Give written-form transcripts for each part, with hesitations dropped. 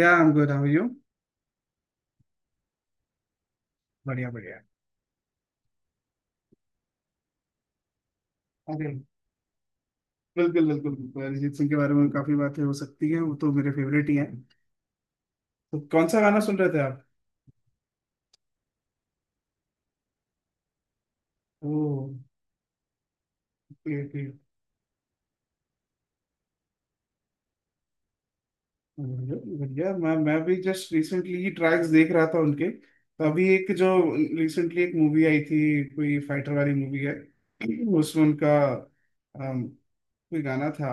या I am good how you. बढ़िया बढ़िया। अरे बिल्कुल बिल्कुल बिल्कुल अरिजीत सिंह के बारे में काफी बातें हो सकती हैं, वो तो मेरे फेवरेट ही हैं। तो कौन सा गाना सुन रहे थे आप? Oh, okay okay. बढ़िया बढ़िया। मैं भी जस्ट रिसेंटली ही ट्रैक्स देख रहा था उनके, तो अभी एक जो रिसेंटली एक मूवी आई थी, कोई फाइटर वाली मूवी है, उसमें उनका अम, कोई गाना था।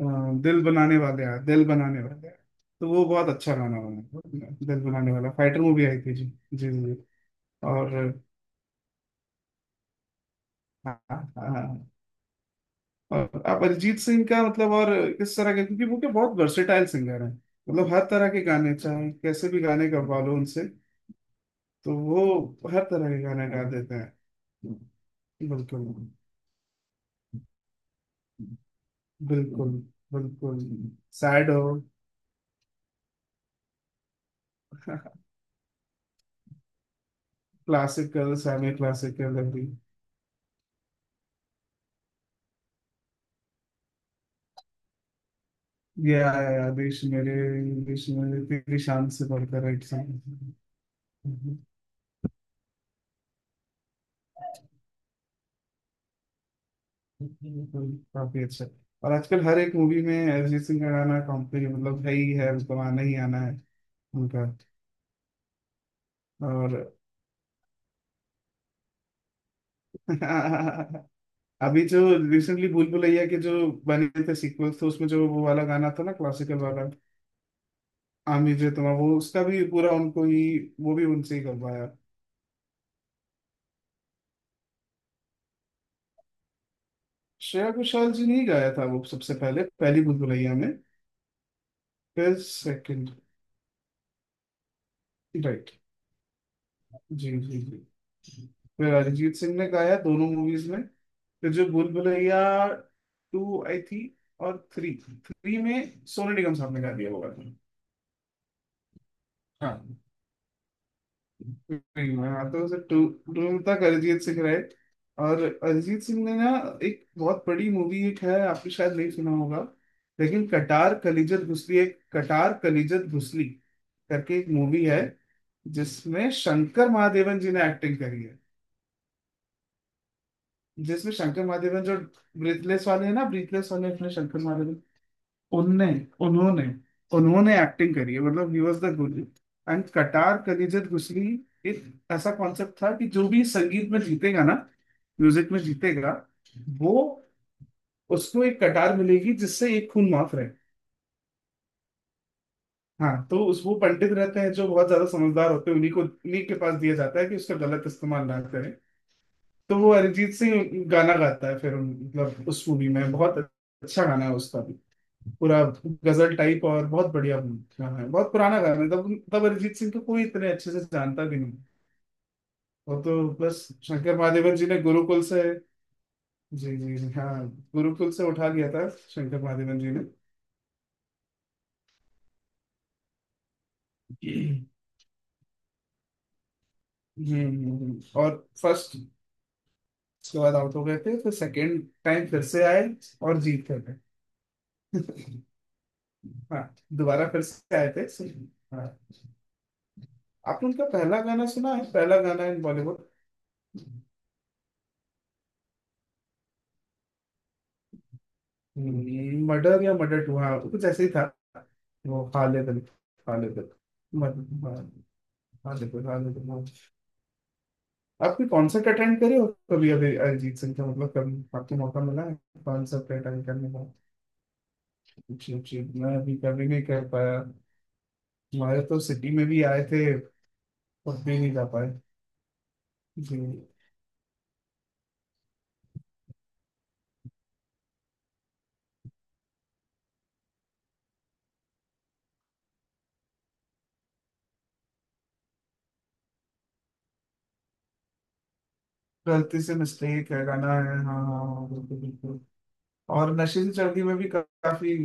दिल बनाने वाले हैं दिल बनाने वाले हैं, तो वो बहुत अच्छा गाना बना दिल बनाने वाला, फाइटर मूवी आई थी जी। जी जी। और हाँ हाँ, और आप अरिजीत सिंह का मतलब और किस तरह के, क्योंकि वो क्या बहुत वर्सेटाइल सिंगर हैं। मतलब हर तरह के गाने, चाहे कैसे भी गाने गवा लो उनसे, तो वो हर तरह के गाने गा देते हैं। बिल्कुल बिल्कुल। बिल्कुल सैड हो, क्लासिकल सेमी क्लासिकल, अभी ये आया देश मेरे, देश मेरे तेरी शान से बढ़कर एक शान। काफी अच्छा। और आजकल हर एक मूवी में अरिजीत सिंह का गाना कंपनी मतलब है ही है, उसको आना ही आना है उनका। और अभी जो रिसेंटली भूल भुलैया के जो बने थे सीक्वल्स, तो उसमें जो वो वाला गाना था ना क्लासिकल वाला, आमिर जे तुम्हारा, वो उसका भी पूरा उनको ही, वो भी उनसे ही करवाया। श्रेया घोषाल जी ने ही गाया था वो सबसे पहले, पहली भूल भुलैया में। फिर सेकंड, राइट, जी जी जी, फिर अरिजीत सिंह ने गाया दोनों मूवीज में। फिर जो भूल भुलैया 2 आई थी, और 3, 3 में सोनू निगम साहब ने गा दिया होगा। हाँ नहीं, मैं आता हूँ टू, टू तक अरिजीत सिंह रहे। और अरिजीत सिंह ने ना एक बहुत बड़ी मूवी एक है, आपने शायद नहीं सुना होगा, लेकिन कटार कलिजत घुसली, एक कटार कलिजत घुसली करके एक मूवी है, जिसमें शंकर महादेवन जी ने एक्टिंग करी है। जिसमें शंकर महादेवन जो ब्रीथलेस वाले हैं ना, ब्रीथलेस वाले अपने शंकर महादेवन, उनने उन्होंने उन्होंने एक्टिंग करी है, मतलब ही वॉज द गुरु एंड कटार कलीजत घुसली। एक ऐसा कॉन्सेप्ट था कि जो भी संगीत में जीतेगा ना, म्यूजिक में जीतेगा, वो उसको एक कटार मिलेगी जिससे एक खून माफ रहे। हाँ, तो उस वो पंडित रहते हैं जो बहुत ज्यादा समझदार होते हैं, उन्हीं को उन्हीं के पास दिया जाता है कि उसका गलत इस्तेमाल ना करें। तो वो अरिजीत सिंह गाना गाता है, फिर मतलब उस मूवी में बहुत अच्छा गाना है उसका भी पूरा, गजल टाइप, और बहुत बढ़िया गाना है, बहुत पुराना गाना है, तब तब अरिजीत सिंह को कोई इतने अच्छे से जानता भी नहीं। वो तो बस शंकर महादेवन जी ने गुरुकुल से, जी जी जी हाँ, गुरुकुल से उठा लिया था शंकर महादेवन जी ने। हम्म, हम्म। हम्म। हम्म। और फर्स्ट, उसके बाद आउट हो गए थे, फिर सेकंड टाइम फिर से आए और जीत गए थे। हाँ दोबारा फिर से आए थे। हाँ। आपने उनका पहला गाना सुना है, पहला गाना इन बॉलीवुड? मर्डर या मर्डर टू, हाँ कुछ ऐसे ही था। वो खालिद अल- मर- मर- खालिद अल- हाँ। आपने कॉन्सर्ट अटेंड करे हो कभी अभी अरिजीत सिंह का, मतलब कभी आपको मौका मिला है कॉन्सर्ट अटेंड करने का? जी जी, मैं अभी कभी नहीं कर पाया, हमारे तो सिटी में भी आए थे पर भी नहीं जा पाए जी। गलती से मिस्टेक है, गाना है हाँ हाँ हाँ, बिल्कुल बिल्कुल। और नशे से चढ़ती में भी काफी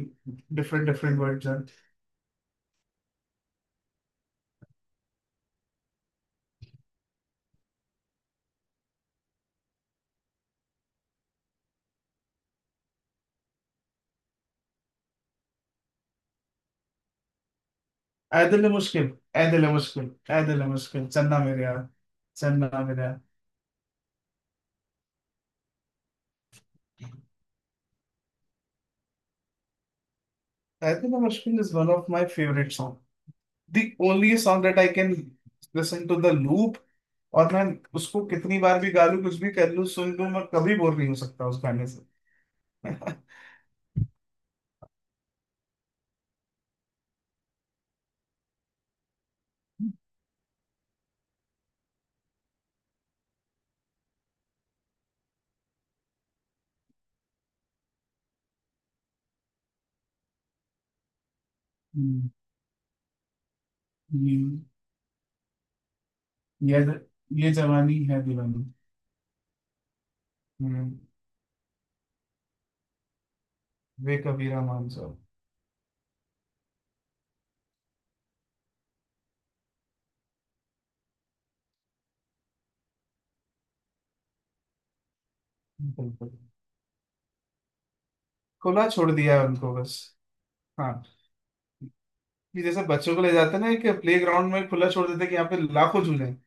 डिफरेंट डिफरेंट वर्ड्स हैं। ऐ दिल मुश्किल, ऐ दिल मुश्किल। ऐ दिल मुश्किल चन्ना मेरे यार, चन्ना मेरे यार। Ae Dil Mushkil is one of my favourite song, the only song that I can listen to the loop. और मैं उसको कितनी बार भी गा लूं, कुछ भी कर लूं, सुन लूं, मैं कभी बोर नहीं हो सकता उस गाने से। हम्म, हम्म, ये ये जवानी है दीवानी। हम्म, वे कबीरा मान जाओ। बिल्कुल, खुला छोड़ दिया है उनको बस। हाँ। कि जैसे बच्चों को ले जाते हैं ना कि प्ले ग्राउंड में खुला छोड़ देते हैं कि यहाँ पे लाखों झूले हैं,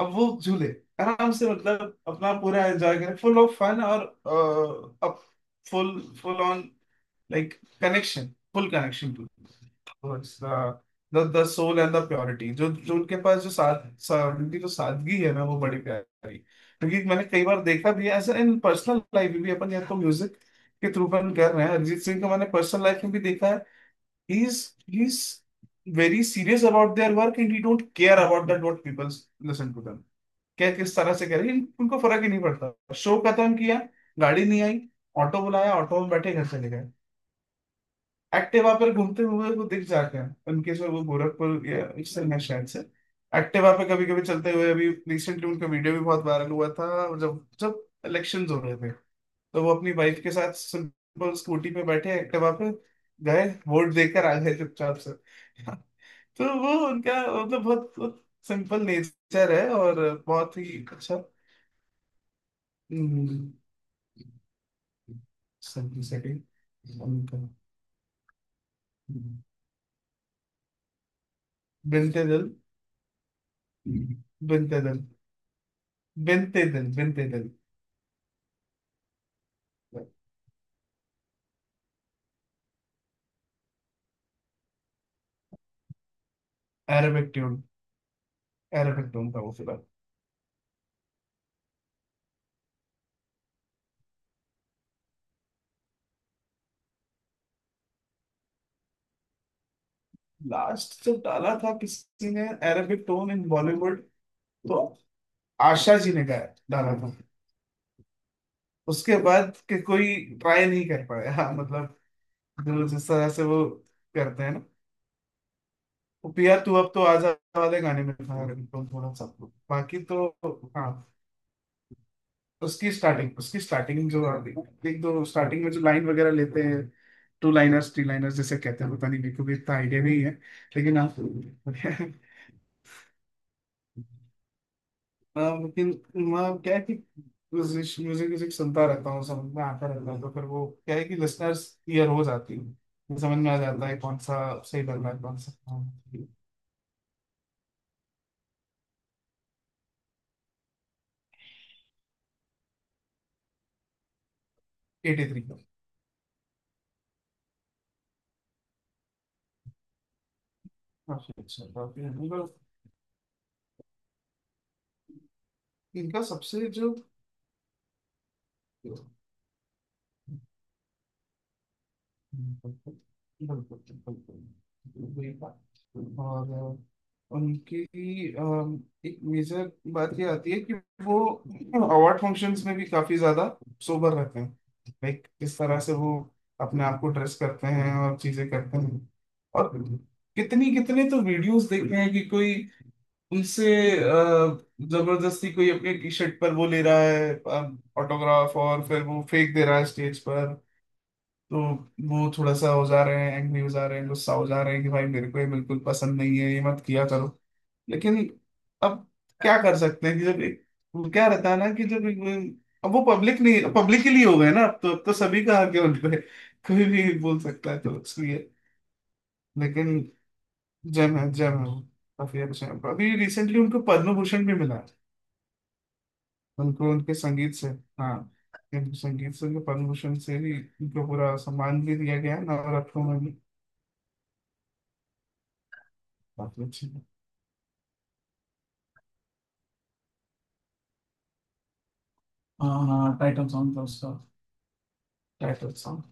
अब वो झूले आराम से मतलब अपना पूरा एंजॉय करें, फुल ऑफ फन और up full full on, like connection, full connection to the the soul and the purity. जो जो उनके पास जो उनकी जो सादगी है ना वो बड़ी प्यारी, क्योंकि मैंने कई बार देखा भी है, ऐसा इन पर्सनल लाइफ में भी, अपन या तो म्यूजिक के थ्रू अपन कर रहे हैं, अरिजीत सिंह को मैंने पर्सनल लाइफ में भी देखा है। he's he's very serious about their work and he don't care about that what people listen to them, क्या किस तरह से कह रहे हैं, उनको फर्क ही नहीं पड़ता। शो खत्म किया, गाड़ी नहीं आई, ऑटो बुलाया, ऑटो में बैठे घर चले गए। एक्टिवा पर घूमते हुए वो दिख जाते हैं, उनके से वो गोरखपुर या इससे है शायद से। एक्टिवा पे कभी कभी चलते हुए, अभी रिसेंटली उनका वीडियो भी बहुत वायरल हुआ था, और जब जब इलेक्शन हो रहे थे, तो वो अपनी वाइफ के साथ सिंपल स्कूटी पे बैठे एक्टिवा पे गए, वोट देकर आ गए चुपचाप से। तो वो उनका मतलब बहुत, बहुत सिंपल नेचर है, और बहुत ही अच्छा। सेकंड, उनका बिनते दिल, बिनते दिल, बिनते दिल, बिनते दिल, अरेबिक ट्यून, अरेबिक टोन था वो फिलहाल। लास्ट जब डाला था किसी ने अरेबिक टोन इन बॉलीवुड, तो आशा जी ने गाया डाला था, उसके बाद के कोई ट्राई नहीं कर पाया। हाँ मतलब, जो जिस तरह से वो करते हैं, पिया तू अब तो आजा वाले गाने में था रिंगटोन थोड़ा सा, बाकी तो हाँ। उसकी स्टार्टिंग जो एक दो स्टार्टिंग में जो लाइन वगैरह लेते हैं, टू लाइनर्स थ्री लाइनर्स जैसे कहते हैं, पता नहीं, मेरे को भी इतना आइडिया नहीं है, लेकिन आप हाँ, लेकिन मैं क्या है कि म्यूजिक म्यूजिक सुनता रहता हूँ, समझ में आता रहता है, तो फिर वो क्या है कि लिसनर्स क्लियर हो जाती है, समझ में आ जाता है कौन सा सही लग रहा है कौन सा। 83 का काफी अच्छा, काफी इनका, इनका सबसे जो, बिल्कुल बिल्कुल। वही बात। और उनकी अम, एक मेजर बात ये आती है कि वो अवार्ड फंक्शंस में भी काफी ज्यादा सोबर रहते हैं, लाइक किस तरह से वो अपने आप को ड्रेस करते हैं और चीजें करते हैं। और कितनी कितने तो वीडियोस देखे हैं कि कोई उनसे अ, जबरदस्ती कोई अपने टी शर्ट पर वो ले रहा है ऑटोग्राफ, और फिर वो फेंक दे रहा है स्टेज पर, तो वो थोड़ा सा हो जा रहे हैं, एंग्री हो जा रहे हैं, गुस्सा हो जा रहे हैं कि भाई मेरे को ये बिल्कुल पसंद नहीं है, ये मत किया करो। लेकिन अब क्या कर सकते हैं कि जब एक, वो क्या रहता है ना कि जब एक, अब वो पब्लिक नहीं, पब्लिक के लिए हो गए ना अब तो, अब तो सभी का हक है उन पे, कोई भी बोल सकता है, तो इसलिए। लेकिन जय है, जय है, वो काफी अच्छे हैं। अभी रिसेंटली उनको पद्म भूषण भी मिला है, उनको उनके संगीत से। हाँ, उनके संगीत से उनको पद्म भूषण से भी, उनको पूरा सम्मान भी दिया गया है नवरत्नों में भी। काफी अच्छे। हाँ टाइटल सॉन्ग था उसका, टाइटल सॉन्ग।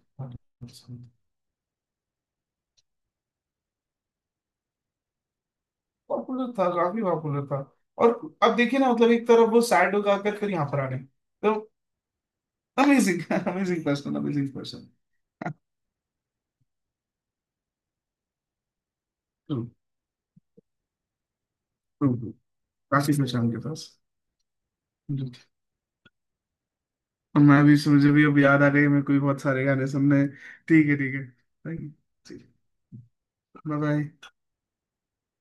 पॉपुलर था, काफी पॉपुलर था। और अब देखिए ना, मतलब एक तरफ वो सैड हो जाकर फिर यहाँ पर आ गए, तो amazing, amazing person, amazing person. True true true, काफी कुछ है उनके पास। और मैं भी, मुझे भी अब याद आ गई, मेरे को भी बहुत सारे गाने सुनने हैं। ठीक है ठीक है, थैंक यू, बाय बाय।